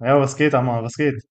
Ja, was geht, Amar? Was geht?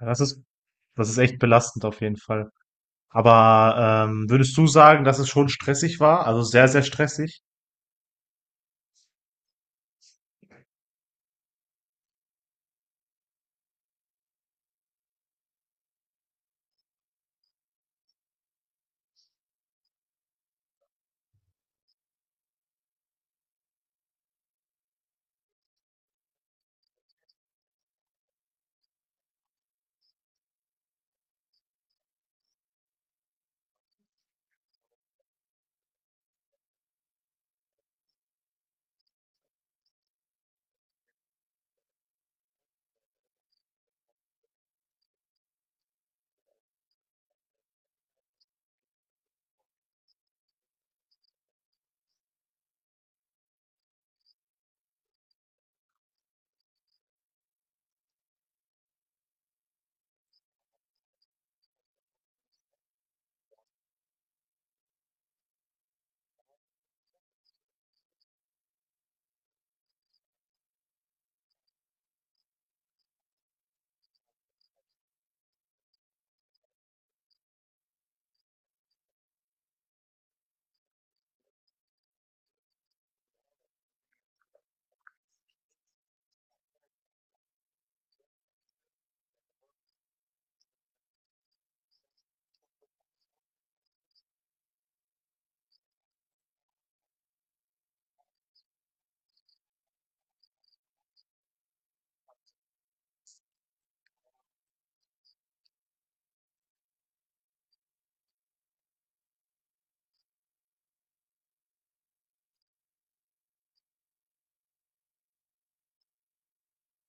Ja, das ist echt belastend auf jeden Fall. Aber würdest du sagen, dass es schon stressig war? Also sehr, sehr stressig?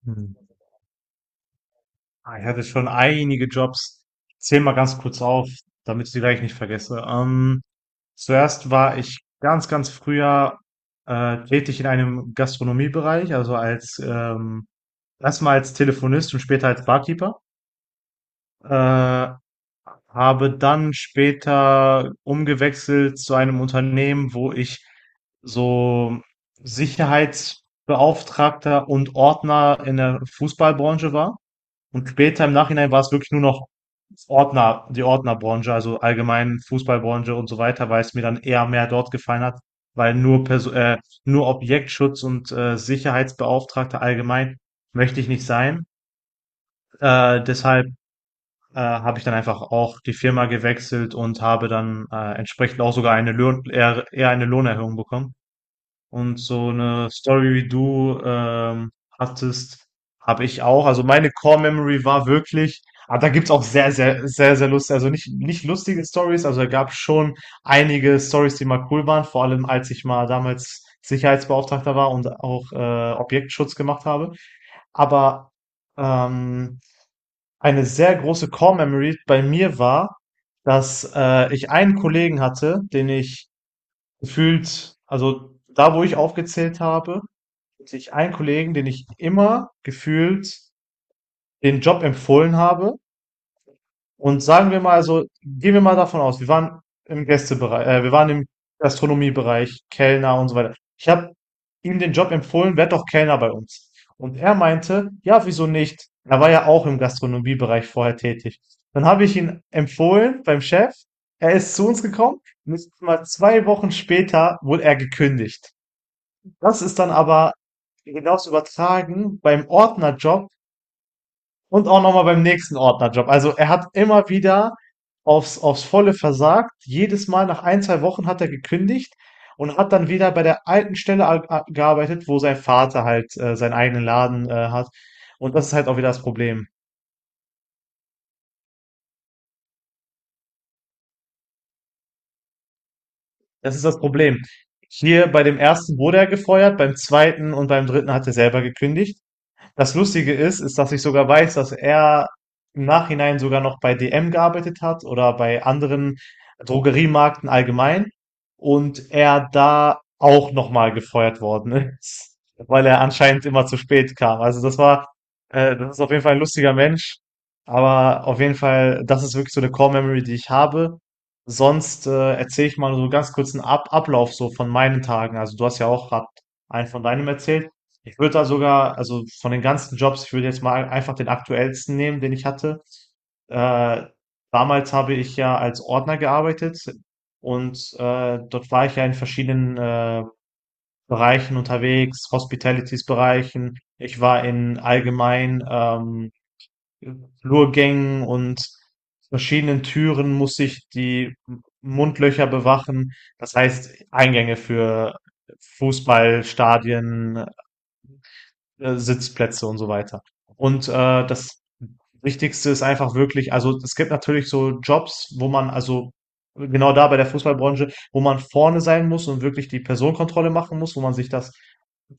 Hm. Ah, ich hatte schon einige Jobs. Zähl mal ganz kurz auf, damit ich sie gleich nicht vergesse. Zuerst war ich ganz, ganz früher tätig in einem Gastronomiebereich, also als erstmal als Telefonist und später als Barkeeper. Äh, Habe dann später umgewechselt zu einem Unternehmen, wo ich so Sicherheitsbeauftragter und Ordner in der Fußballbranche war. Und später im Nachhinein war es wirklich nur noch Ordner, die Ordnerbranche, also allgemein Fußballbranche und so weiter, weil es mir dann eher mehr dort gefallen hat, weil nur Objektschutz und Sicherheitsbeauftragter allgemein möchte ich nicht sein. Deshalb habe ich dann einfach auch die Firma gewechselt und habe dann entsprechend auch sogar eher eine Lohnerhöhung bekommen. Und so eine Story wie du hattest, habe ich auch. Also meine Core Memory war wirklich, aber da gibt's auch sehr, sehr, sehr, sehr lustige, also nicht lustige Stories, also da gab schon einige Stories, die mal cool waren, vor allem als ich mal damals Sicherheitsbeauftragter war und auch Objektschutz gemacht habe. Aber ähm, eine sehr große Core Memory bei mir war, dass ich einen Kollegen hatte, den ich gefühlt, also da, wo ich aufgezählt habe, hatte ich einen Kollegen, den ich immer gefühlt den Job empfohlen habe, und sagen wir mal, also gehen wir mal davon aus, wir waren im wir waren im Gastronomiebereich, Kellner und so weiter. Ich habe ihm den Job empfohlen, werd doch Kellner bei uns. Und er meinte, ja, wieso nicht? Er war ja auch im Gastronomiebereich vorher tätig. Dann habe ich ihn empfohlen beim Chef. Er ist zu uns gekommen. Nicht mal zwei Wochen später wurde er gekündigt. Das ist dann aber hinaus übertragen beim Ordnerjob und auch nochmal beim nächsten Ordnerjob. Also er hat immer wieder aufs Volle versagt. Jedes Mal nach ein, zwei Wochen hat er gekündigt und hat dann wieder bei der alten Stelle gearbeitet, wo sein Vater halt seinen eigenen Laden hat. Und das ist halt auch wieder das Problem. Das ist das Problem. Hier bei dem ersten wurde er gefeuert, beim zweiten und beim dritten hat er selber gekündigt. Das Lustige ist, dass ich sogar weiß, dass er im Nachhinein sogar noch bei DM gearbeitet hat oder bei anderen Drogeriemarkten allgemein und er da auch nochmal gefeuert worden ist, weil er anscheinend immer zu spät kam. Das ist auf jeden Fall ein lustiger Mensch, aber auf jeden Fall, das ist wirklich so eine Core Memory, die ich habe. Sonst erzähle ich mal so ganz kurz einen Ab Ablauf so von meinen Tagen. Also du hast ja auch gerade einen von deinem erzählt. Ich würde da sogar, also von den ganzen Jobs, ich würde jetzt mal einfach den aktuellsten nehmen, den ich hatte. Äh, damals habe ich ja als Ordner gearbeitet und dort war ich ja in verschiedenen Bereichen unterwegs, Hospitalities-Bereichen. Ich war in allgemein Flurgängen und verschiedenen Türen musste ich die Mundlöcher bewachen. Das heißt Eingänge für Fußballstadien, Sitzplätze und so weiter. Und das Wichtigste ist einfach wirklich, also es gibt natürlich so Jobs, wo man, also genau da bei der Fußballbranche, wo man vorne sein muss und wirklich die Personenkontrolle machen muss, wo man sich das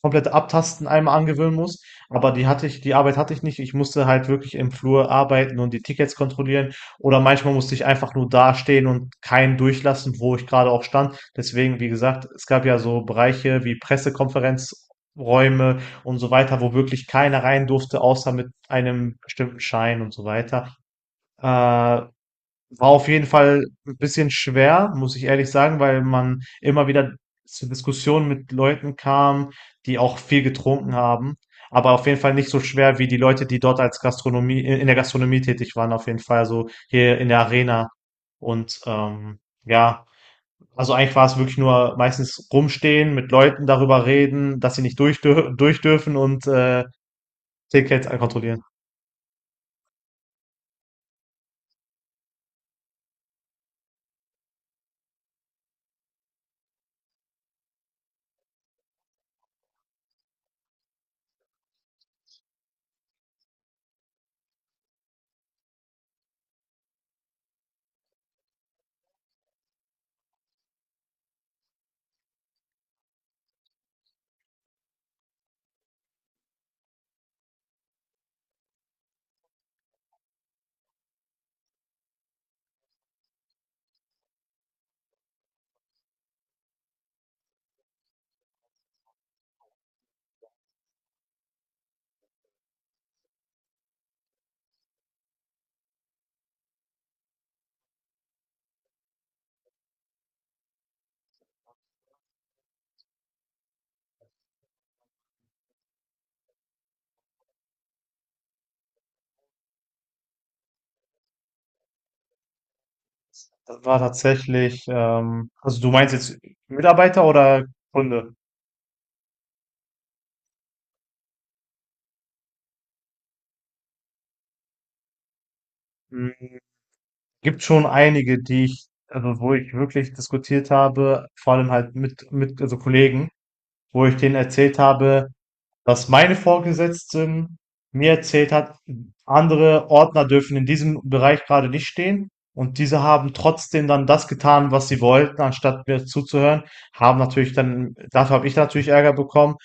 komplette Abtasten einmal angewöhnen muss. Aber die hatte ich, die Arbeit hatte ich nicht. Ich musste halt wirklich im Flur arbeiten und die Tickets kontrollieren. Oder manchmal musste ich einfach nur dastehen und keinen durchlassen, wo ich gerade auch stand. Deswegen, wie gesagt, es gab ja so Bereiche wie Pressekonferenzräume und so weiter, wo wirklich keiner rein durfte, außer mit einem bestimmten Schein und so weiter. War auf jeden Fall ein bisschen schwer, muss ich ehrlich sagen, weil man immer wieder zu Diskussionen mit Leuten kam, die auch viel getrunken haben. Aber auf jeden Fall nicht so schwer wie die Leute, die dort als Gastronomie, in der Gastronomie tätig waren, auf jeden Fall, so hier in der Arena. Und ja, also eigentlich war es wirklich nur meistens rumstehen, mit Leuten darüber reden, dass sie nicht durch, dür- durch dürfen, und Tickets kontrollieren. Das war tatsächlich, also du meinst jetzt Mitarbeiter oder Kunde? Hm, gibt schon einige, die ich, also wo ich wirklich diskutiert habe, vor allem halt mit, also Kollegen, wo ich denen erzählt habe, dass meine Vorgesetzten mir erzählt hat, andere Ordner dürfen in diesem Bereich gerade nicht stehen. Und diese haben trotzdem dann das getan, was sie wollten, anstatt mir zuzuhören. Haben natürlich dann, dafür habe ich natürlich Ärger bekommen.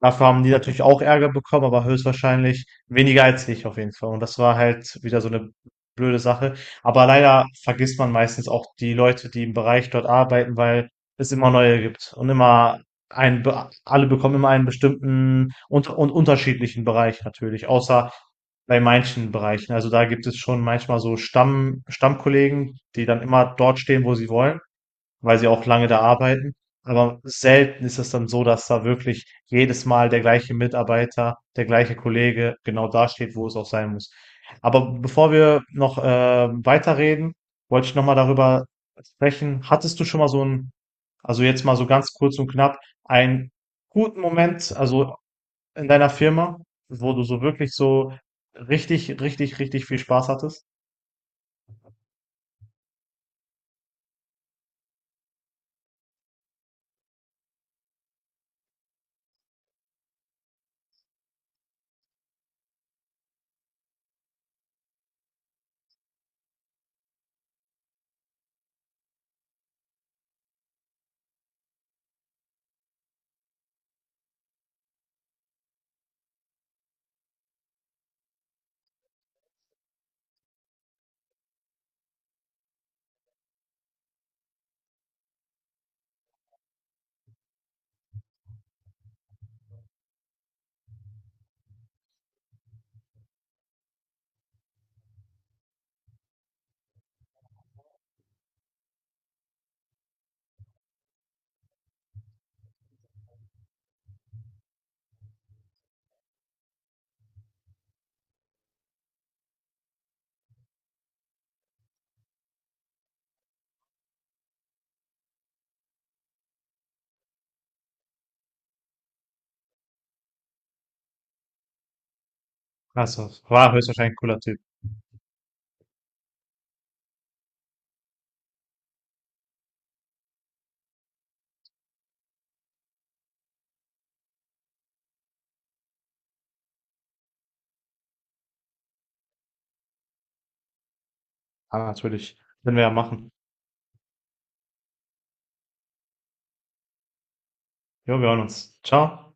Dafür haben die natürlich auch Ärger bekommen, aber höchstwahrscheinlich weniger als ich auf jeden Fall. Und das war halt wieder so eine blöde Sache. Aber leider vergisst man meistens auch die Leute, die im Bereich dort arbeiten, weil es immer neue gibt und immer alle bekommen immer einen bestimmten und unterschiedlichen Bereich natürlich, außer bei manchen Bereichen. Also da gibt es schon manchmal so Stammkollegen, die dann immer dort stehen, wo sie wollen, weil sie auch lange da arbeiten. Aber selten ist es dann so, dass da wirklich jedes Mal der gleiche Mitarbeiter, der gleiche Kollege genau da steht, wo es auch sein muss. Aber bevor wir noch weiterreden, wollte ich nochmal darüber sprechen. Hattest du schon mal so ein, also jetzt mal so ganz kurz und knapp, einen guten Moment, also in deiner Firma, wo du so wirklich so richtig, richtig, richtig viel Spaß hattest? Also, war höchstwahrscheinlich ein cooler Typ. Ah, natürlich. Können wir ja machen. Jo, wir hören uns. Ciao.